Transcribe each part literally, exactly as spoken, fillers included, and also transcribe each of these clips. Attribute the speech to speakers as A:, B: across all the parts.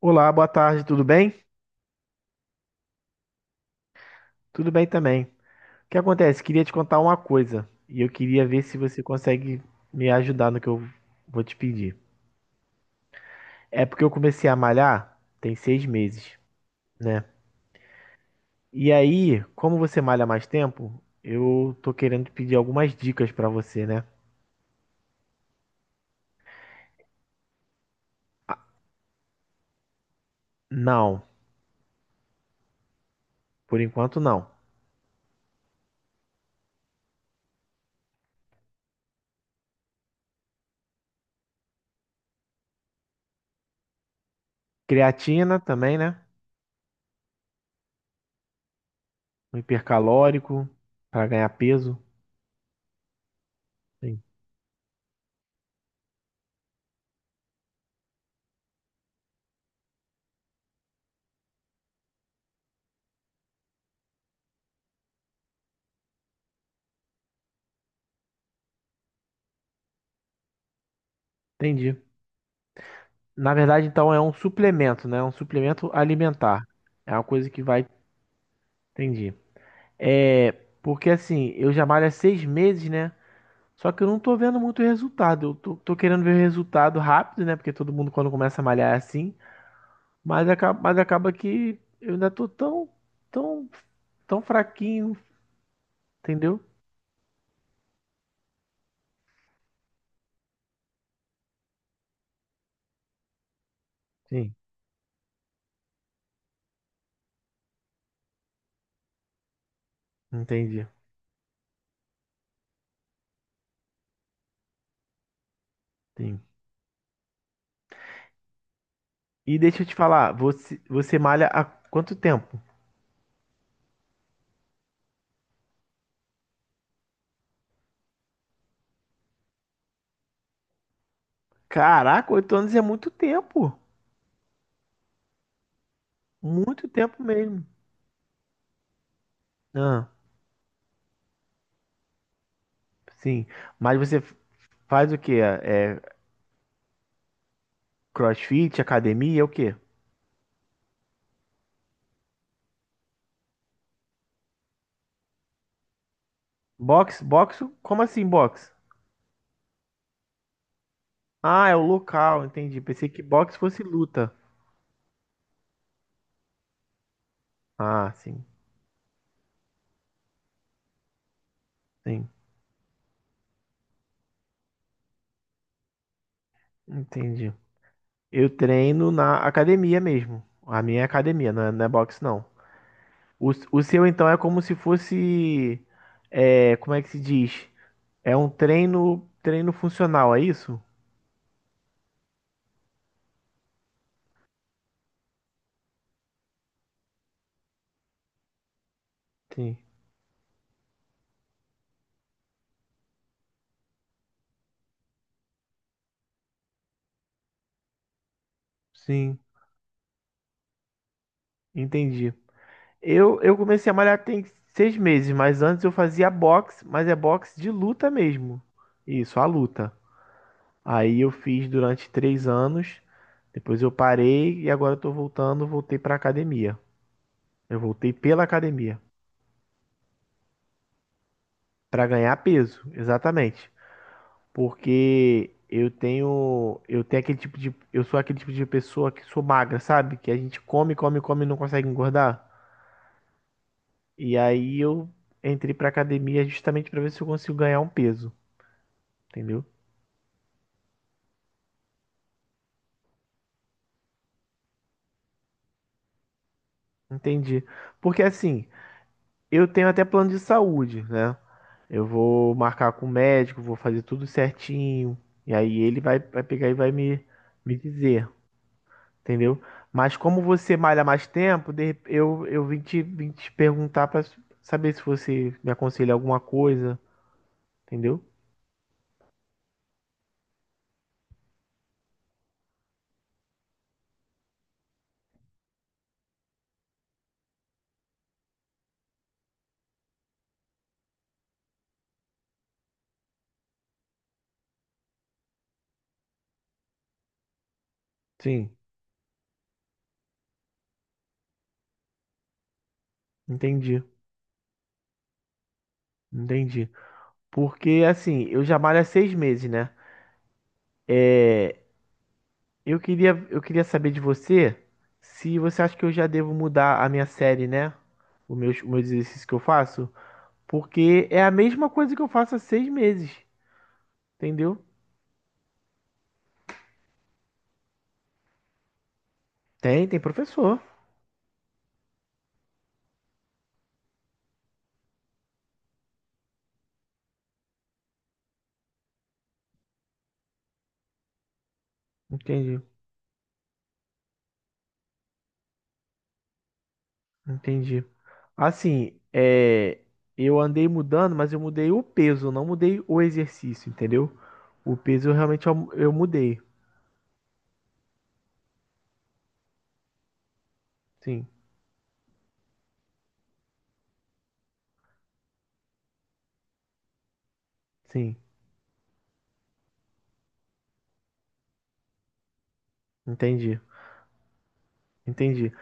A: Olá, boa tarde, tudo bem? Tudo bem também. O que acontece? Queria te contar uma coisa e eu queria ver se você consegue me ajudar no que eu vou te pedir. É porque eu comecei a malhar tem seis meses, né? E aí, como você malha mais tempo, eu tô querendo pedir algumas dicas pra você, né? Não, por enquanto não. Creatina também, né? Um hipercalórico pra ganhar peso. Sim, entendi. Na verdade, então, é um suplemento, né? É um suplemento alimentar. É uma coisa que vai. Entendi. É. Porque assim, eu já malho há seis meses, né? Só que eu não tô vendo muito resultado. Eu tô, tô querendo ver o resultado rápido, né? Porque todo mundo quando começa a malhar é assim. Mas acaba, mas acaba que eu ainda tô tão, tão, tão fraquinho, entendeu? Sim, entendi. Sim. E deixa eu te falar, você, você malha há quanto tempo? Caraca, oito anos é muito tempo. Muito tempo mesmo. Ah, sim. Mas você faz o quê? É CrossFit, academia, é o quê? Boxe? Boxe? Como assim boxe? Ah, é o local, entendi. Pensei que boxe fosse luta. Ah, sim, sim, entendi. Eu treino na academia mesmo. A minha é academia, não é, não é boxe, não. O, o seu, então, é como se fosse. É, como é que se diz? É um treino, treino funcional, é isso? Sim, sim, entendi. Eu, eu comecei a malhar tem seis meses, mas antes eu fazia boxe, mas é boxe de luta mesmo. Isso, a luta. Aí eu fiz durante três anos, depois eu parei e agora eu tô voltando, voltei pra academia. Eu voltei pela academia pra ganhar peso, exatamente. Porque eu tenho, eu tenho aquele tipo de, eu sou aquele tipo de pessoa que sou magra, sabe? Que a gente come, come, come e não consegue engordar. E aí eu entrei pra academia justamente pra ver se eu consigo ganhar um peso. Entendeu? Entendi. Porque assim, eu tenho até plano de saúde, né? Eu vou marcar com o médico, vou fazer tudo certinho. E aí ele vai, vai pegar e vai me, me dizer, entendeu? Mas como você malha mais tempo, de rep- eu, eu vim te, vim te perguntar pra saber se você me aconselha alguma coisa, entendeu? Sim, entendi, entendi. Porque assim, eu já malho há seis meses, né? Eu queria, eu queria saber de você se você acha que eu já devo mudar a minha série, né? Os meus, os meus exercícios que eu faço. Porque é a mesma coisa que eu faço há seis meses, entendeu? Tem, tem professor. Entendi, entendi. Assim, é, eu andei mudando, mas eu mudei o peso, não mudei o exercício, entendeu? O peso eu realmente eu, eu mudei. Sim, sim, entendi, entendi.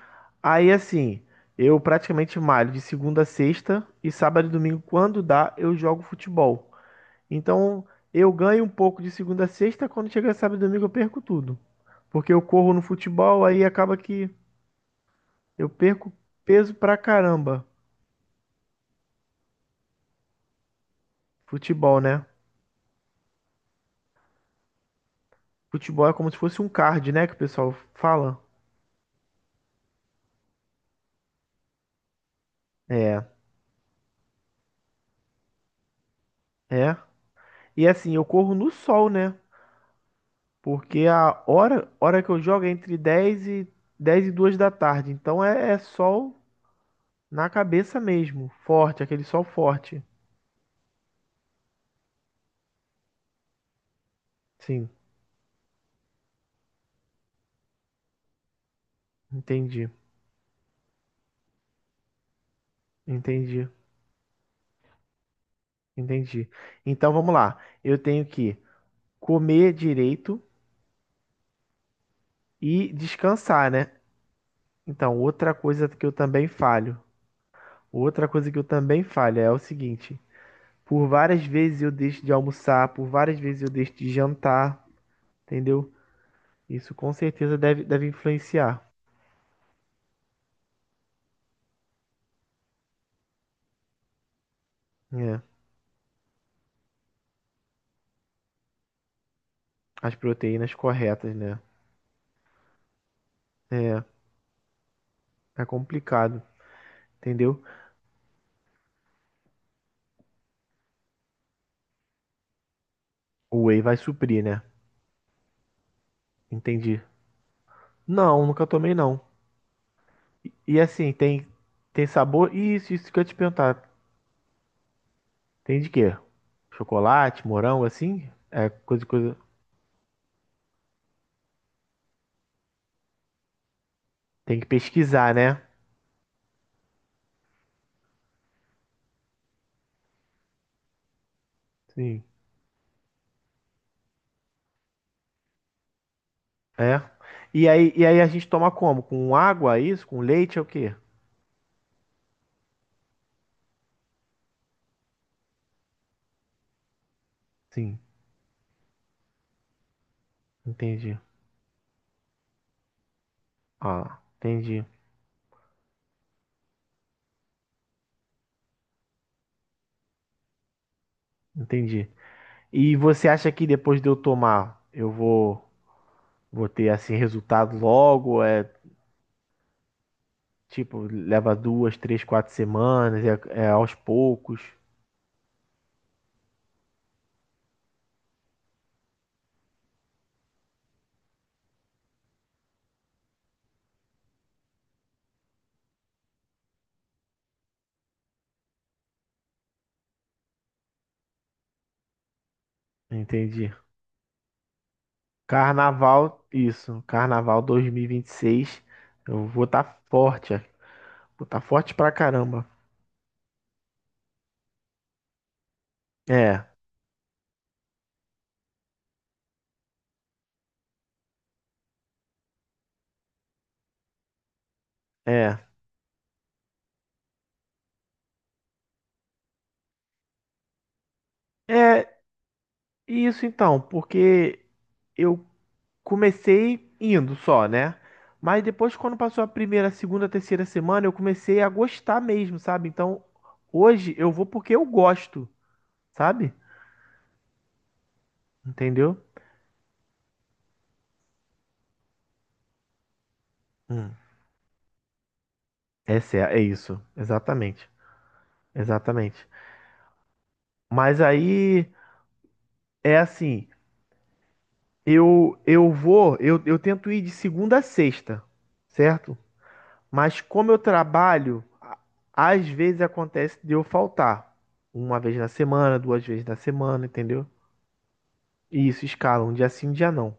A: Aí assim, eu praticamente malho de segunda a sexta e sábado e domingo, quando dá, eu jogo futebol. Então eu ganho um pouco de segunda a sexta, quando chega sábado e domingo eu perco tudo. Porque eu corro no futebol, aí acaba que eu perco peso pra caramba. Futebol, né? Futebol é como se fosse um card, né? Que o pessoal fala. É, é. E assim, eu corro no sol, né? Porque a hora, hora que eu jogo é entre dez e dez e duas da tarde. Então é, é sol na cabeça mesmo, forte, aquele sol forte. Sim, entendi, entendi, entendi. Então vamos lá. Eu tenho que comer direito e descansar, né? Então, outra coisa que eu também falho. Outra coisa que eu também falho é o seguinte: por várias vezes eu deixo de almoçar, por várias vezes eu deixo de jantar, entendeu? Isso com certeza deve, deve influenciar, né? As proteínas corretas, né? É, é complicado, entendeu? O whey vai suprir, né? Entendi. Não, nunca tomei não. E assim, tem tem sabor. E Isso, isso que eu ia te perguntar. Tem de quê? Chocolate, morango, assim? É coisa, coisa. Tem que pesquisar, né? Sim. É. E aí, e aí a gente toma como? Com água, é isso? Com leite é o quê? Sim, entendi. Ah, entendi. Entendi. E você acha que depois de eu tomar, eu vou, vou ter assim resultado logo? É tipo, leva duas, três, quatro semanas, é, é aos poucos. Entendi. Carnaval, isso. Carnaval dois mil e e vinte e seis. Eu vou estar forte. É, vou estar forte pra caramba. É, é. É isso então, porque eu comecei indo só, né? Mas depois, quando passou a primeira, segunda, terceira semana, eu comecei a gostar mesmo, sabe? Então, hoje eu vou porque eu gosto, sabe? Entendeu? Hum. Essa é, é isso, exatamente. Exatamente. Mas aí é assim. Eu, eu vou, eu, eu tento ir de segunda a sexta, certo? Mas como eu trabalho, a- às vezes acontece de eu faltar. Uma vez na semana, duas vezes na semana, entendeu? E isso, escala, um dia sim, um dia não.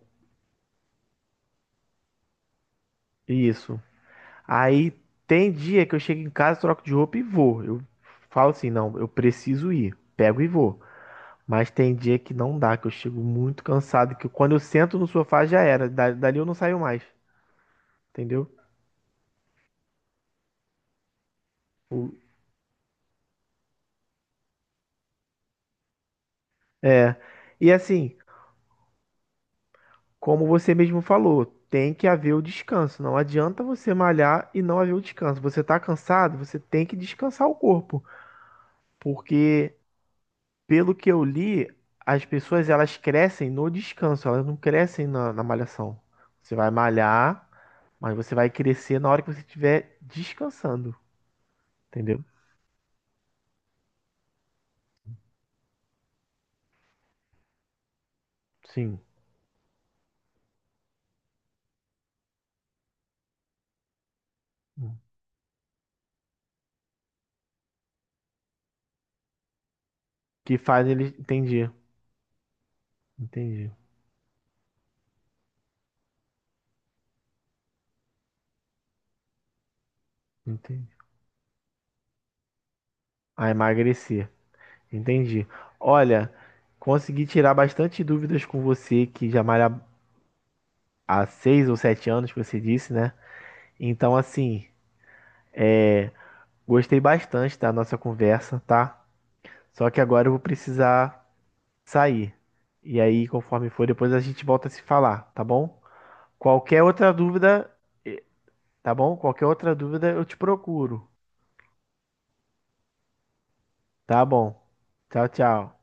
A: Isso. Aí tem dia que eu chego em casa, troco de roupa e vou. Eu falo assim, não, eu preciso ir. Pego e vou. Mas tem dia que não dá, que eu chego muito cansado, que quando eu sento no sofá já era. Da- Dali eu não saio mais, entendeu? O- É. E assim, como você mesmo falou, tem que haver o descanso. Não adianta você malhar e não haver o descanso. Você está cansado, você tem que descansar o corpo, porque pelo que eu li, as pessoas elas crescem no descanso, elas não crescem na, na malhação. Você vai malhar, mas você vai crescer na hora que você estiver descansando, entendeu? Sim. Que faz ele, entendi, entendi, entendi. A emagrecer. Entendi. Olha, consegui tirar bastante dúvidas com você, que já malha há seis ou sete anos, que você disse, né? Então, assim, gostei bastante da nossa conversa, tá? Só que agora eu vou precisar sair. E aí, conforme for, depois a gente volta a se falar, tá bom? Qualquer outra dúvida, eh, tá bom? Qualquer outra dúvida eu te procuro, tá bom? Tchau, tchau.